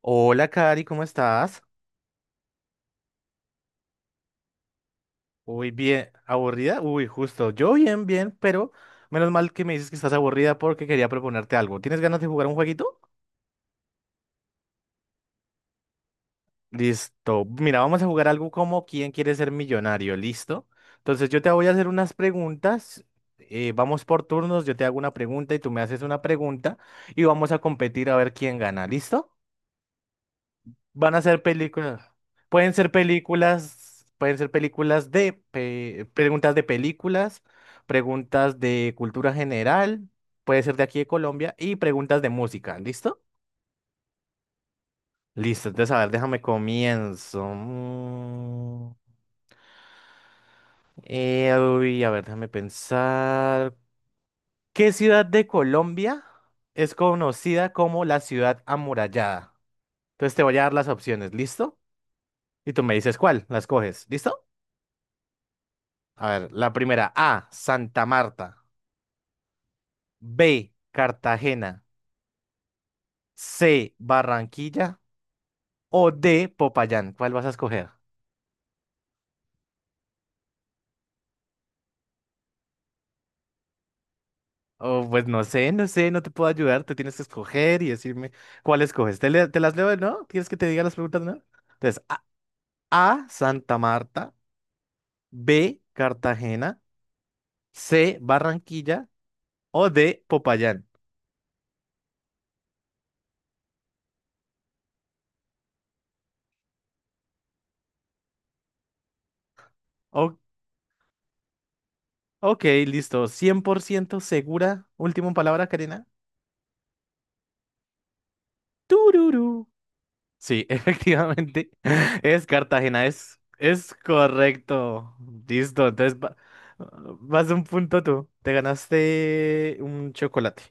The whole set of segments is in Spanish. Hola, Cari, ¿cómo estás? Uy, bien, ¿aburrida? Uy, justo, yo bien, bien, pero menos mal que me dices que estás aburrida porque quería proponerte algo. ¿Tienes ganas de jugar un jueguito? Listo. Mira, vamos a jugar algo como ¿Quién quiere ser millonario? ¿Listo? Entonces yo te voy a hacer unas preguntas. Vamos por turnos, yo te hago una pregunta y tú me haces una pregunta y vamos a competir a ver quién gana. ¿Listo? Van a ser películas. Pueden ser películas, pueden ser películas preguntas de películas, preguntas de cultura general, puede ser de aquí de Colombia y preguntas de música, ¿listo? Listo, entonces a ver, déjame comienzo. Uy, a ver, déjame pensar. ¿Qué ciudad de Colombia es conocida como la ciudad amurallada? Entonces te voy a dar las opciones, ¿listo? Y tú me dices cuál, las coges, ¿listo? A ver, la primera, A, Santa Marta; B, Cartagena; C, Barranquilla o D, Popayán. ¿Cuál vas a escoger? Oh, pues no sé, no sé, no te puedo ayudar, te tienes que escoger y decirme cuál escoges. Te las leo, ¿no? ¿Quieres que te diga las preguntas, no? Entonces, A, Santa Marta; B, Cartagena; C, Barranquilla o D, Popayán. O- ok, listo, 100% segura. Última palabra, Karina. Tururú. Sí, efectivamente. Es Cartagena, es correcto. Listo, entonces vas de un punto tú. Te ganaste un chocolate.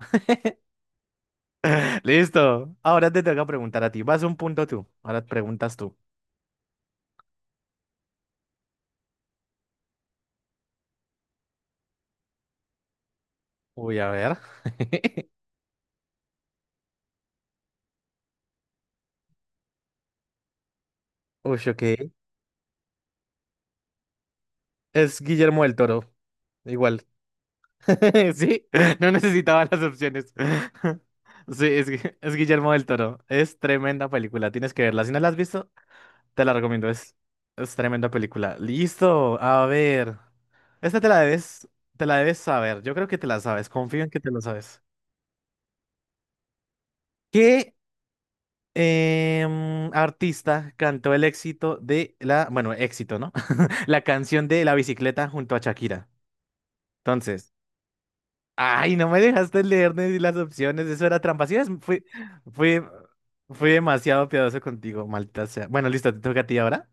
Listo. Ahora te toca preguntar a ti. Vas un punto tú. Ahora preguntas tú. Uy, a ver. Uy, ok. Es Guillermo del Toro. Igual. Sí, no necesitaba las opciones. Sí, es Guillermo del Toro. Es tremenda película. Tienes que verla. Si no la has visto, te la recomiendo, es tremenda película. Listo, a ver. Esta te la debes saber. Yo creo que te la sabes, confío en que te la sabes. ¿Qué artista cantó el éxito de la, bueno, éxito, ¿no? La canción de La bicicleta junto a Shakira. Entonces, ay, no me dejaste leer ni las opciones, eso era trampa. Sí, fui, fui demasiado piadoso contigo, maldita sea. Bueno, listo, te toca a ti ahora.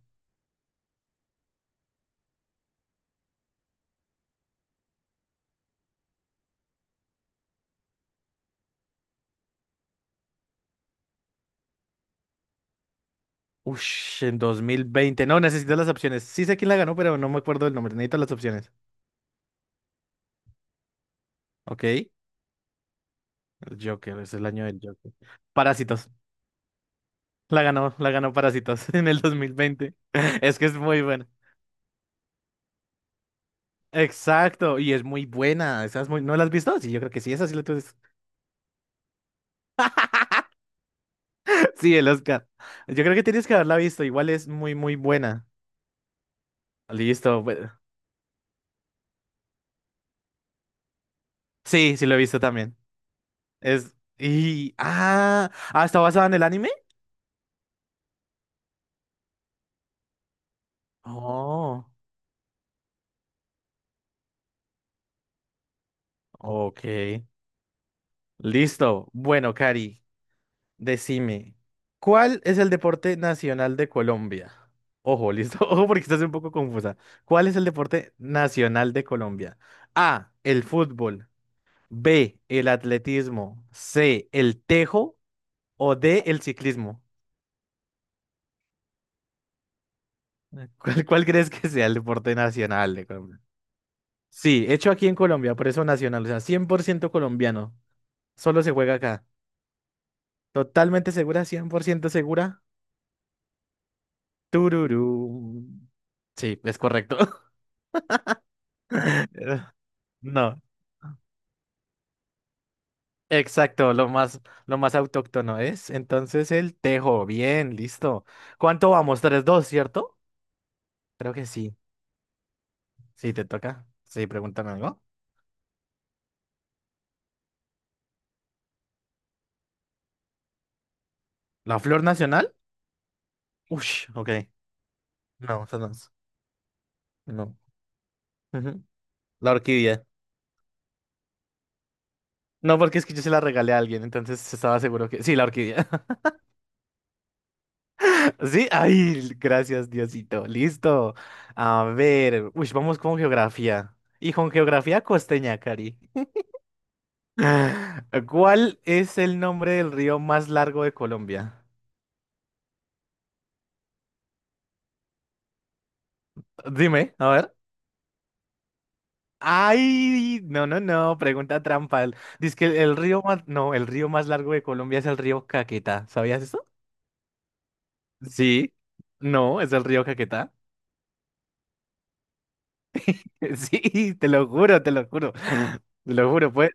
Ush, en 2020 no, necesito las opciones. Sí sé quién la ganó, pero no me acuerdo del nombre. Necesito las opciones. Ok. El Joker, es el año del Joker. Parásitos. La ganó Parásitos en el 2020. Es que es muy buena. Exacto, y es muy buena. Esa es muy... ¿No la has visto? Sí, yo creo que sí, esa sí la tienes. Sí, el Oscar. Yo creo que tienes que haberla visto. Igual es muy, muy buena. Listo, bueno. Sí, sí lo he visto también. Es... Y... Ah, ah, ¿está basada en el anime? Oh, ok. Listo. Bueno, Cari, decime, ¿cuál es el deporte nacional de Colombia? Ojo, listo. Ojo porque estás un poco confusa. ¿Cuál es el deporte nacional de Colombia? A, el fútbol; B, el atletismo; C, el tejo; o D, el ciclismo. ¿Cuál crees que sea el deporte nacional de Colombia? Sí, hecho aquí en Colombia, por eso nacional, o sea, 100% colombiano. Solo se juega acá. Totalmente segura, 100% segura. Tururú. Sí, es correcto. No. Exacto, lo más autóctono es. Entonces el tejo, bien, listo. ¿Cuánto vamos? Tres, dos, ¿cierto? Creo que sí. Sí, te toca. Sí, pregúntame algo. ¿La flor nacional? Ush, ok. No, esa no es. No. Ujú. La orquídea. No, porque es que yo se la regalé a alguien, entonces estaba seguro que... Sí, la orquídea. Sí, ay, gracias, Diosito. Listo. A ver, uy, vamos con geografía. Y con geografía costeña, Cari. ¿Cuál es el nombre del río más largo de Colombia? Dime, a ver. Ay, no, no, no, pregunta trampa. Dice que el río más, no, el río más largo de Colombia es el río Caquetá. ¿Sabías eso? Sí. No, es el río Caquetá. Sí, te lo juro, te lo juro. Te lo juro, pues.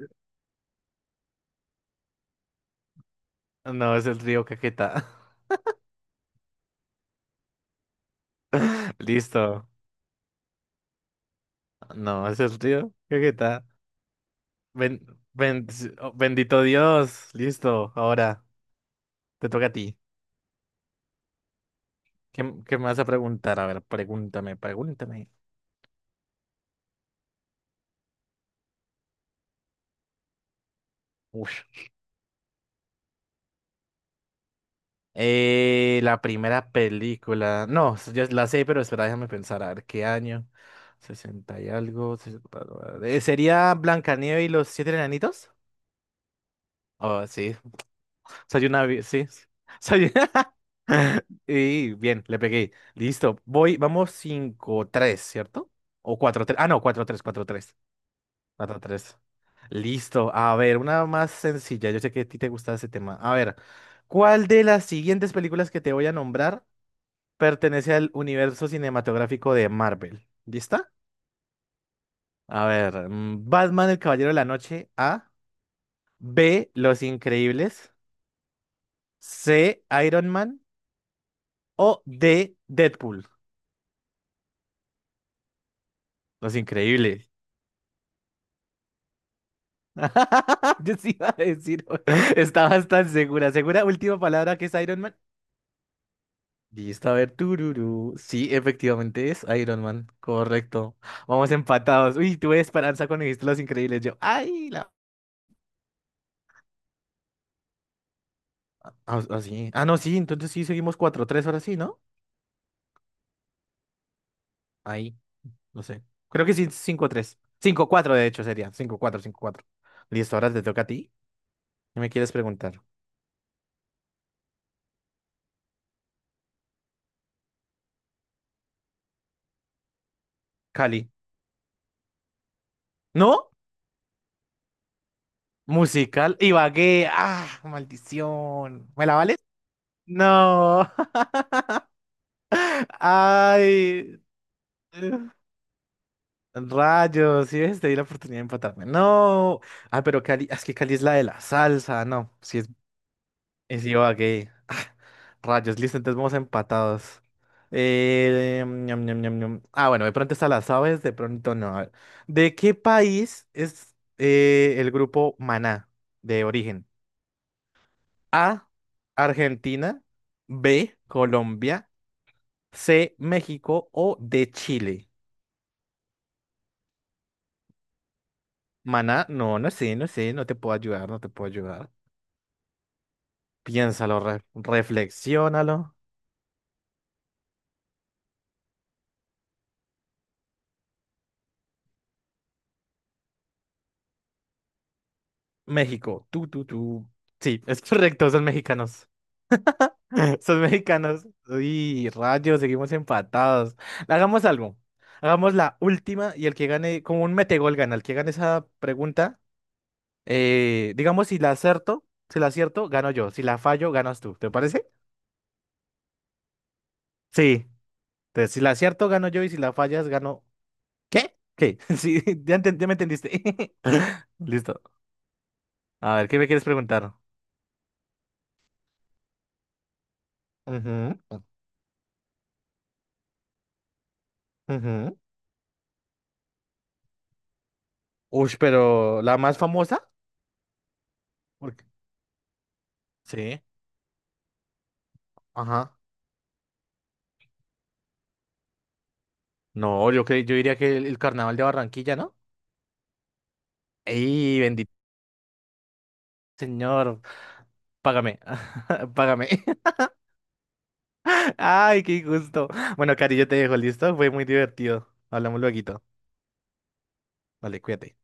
No, es el río Caquetá. Listo. No, es el río Caquetá. Ben- ben- oh, bendito Dios. Listo, ahora te toca a ti. ¿Qué me vas a preguntar? A ver, pregúntame, pregúntame. Ush. La primera película. No, ya la sé, pero espera, déjame pensar. A ver, ¿qué año? 60 y algo. 60, ¿sería Blancanieves y los siete enanitos? Oh, sí. Soy una... Sí. Soy... Y bien, le pegué. Listo. Voy, vamos cinco tres, ¿cierto? O cuatro tres. Ah, no, cuatro tres, cuatro tres. Mata tres. Listo. A ver, una más sencilla. Yo sé que a ti te gusta ese tema. A ver, ¿cuál de las siguientes películas que te voy a nombrar pertenece al universo cinematográfico de Marvel? ¿Lista? A ver, Batman, el Caballero de la Noche, A; B, Los Increíbles; C, Iron Man; o D, Deadpool. Los Increíbles. Yo sí iba a decir, estaba tan segura. ¿Segura? Última palabra que es Iron Man. Listo, a ver, tururú. Sí, efectivamente es Iron Man, correcto. Vamos empatados. Uy, tuve esperanza cuando dijiste Los Increíbles. Yo, ay, la... Ah, ah, sí. Ah, no, sí, entonces sí, seguimos cuatro tres ahora sí, ¿no? Ahí, no sé. Creo que sí, cinco tres, cinco cuatro de hecho, sería. Cinco cuatro, cinco cuatro. Listo, ahora te toca a ti. ¿Qué me quieres preguntar? Cali. ¿No? Musical. Ibagué. Ah, maldición. ¿Me la vales? No. Ay. Rayos, sí ves, te di la oportunidad de empatarme. No. Ah, pero Cali, es que Cali es la de la salsa, no. Si es, es Ibagué. Ah, rayos, listo, entonces vamos empatados. Ñam, ñam, ñam, ñam. Ah, bueno, de pronto está las aves, de pronto no. A ver. ¿De qué país es el grupo Maná de origen? A, Argentina; B, Colombia; C, México o D, Chile. Maná, no, no sé, no sé, no te puedo ayudar, no te puedo ayudar. Piénsalo, reflexiónalo. México, tú, tú, tú. Sí, es correcto, son mexicanos. Son mexicanos. Uy, rayos, seguimos empatados. Hagamos algo. Hagamos la última y el que gane, como un metegol gana. El que gane esa pregunta, digamos, si la acierto, si la acierto, gano yo. Si la fallo, ganas tú. ¿Te parece? Sí. Entonces, si la acierto, gano yo y si la fallas, gano. ¿Qué? ¿Qué? Sí, ya, ya me entendiste. Listo. A ver, ¿qué me quieres preguntar? Ujú. Ujú. Ush, pero la más famosa. Porque... Sí. Ajá. No, yo diría que el carnaval de Barranquilla, ¿no? ¡Ey, bendito señor! Págame, págame. ¡Ay, qué gusto! Bueno, Cari, yo te dejo, ¿listo? Fue muy divertido. Hablamos luego. Vale, cuídate.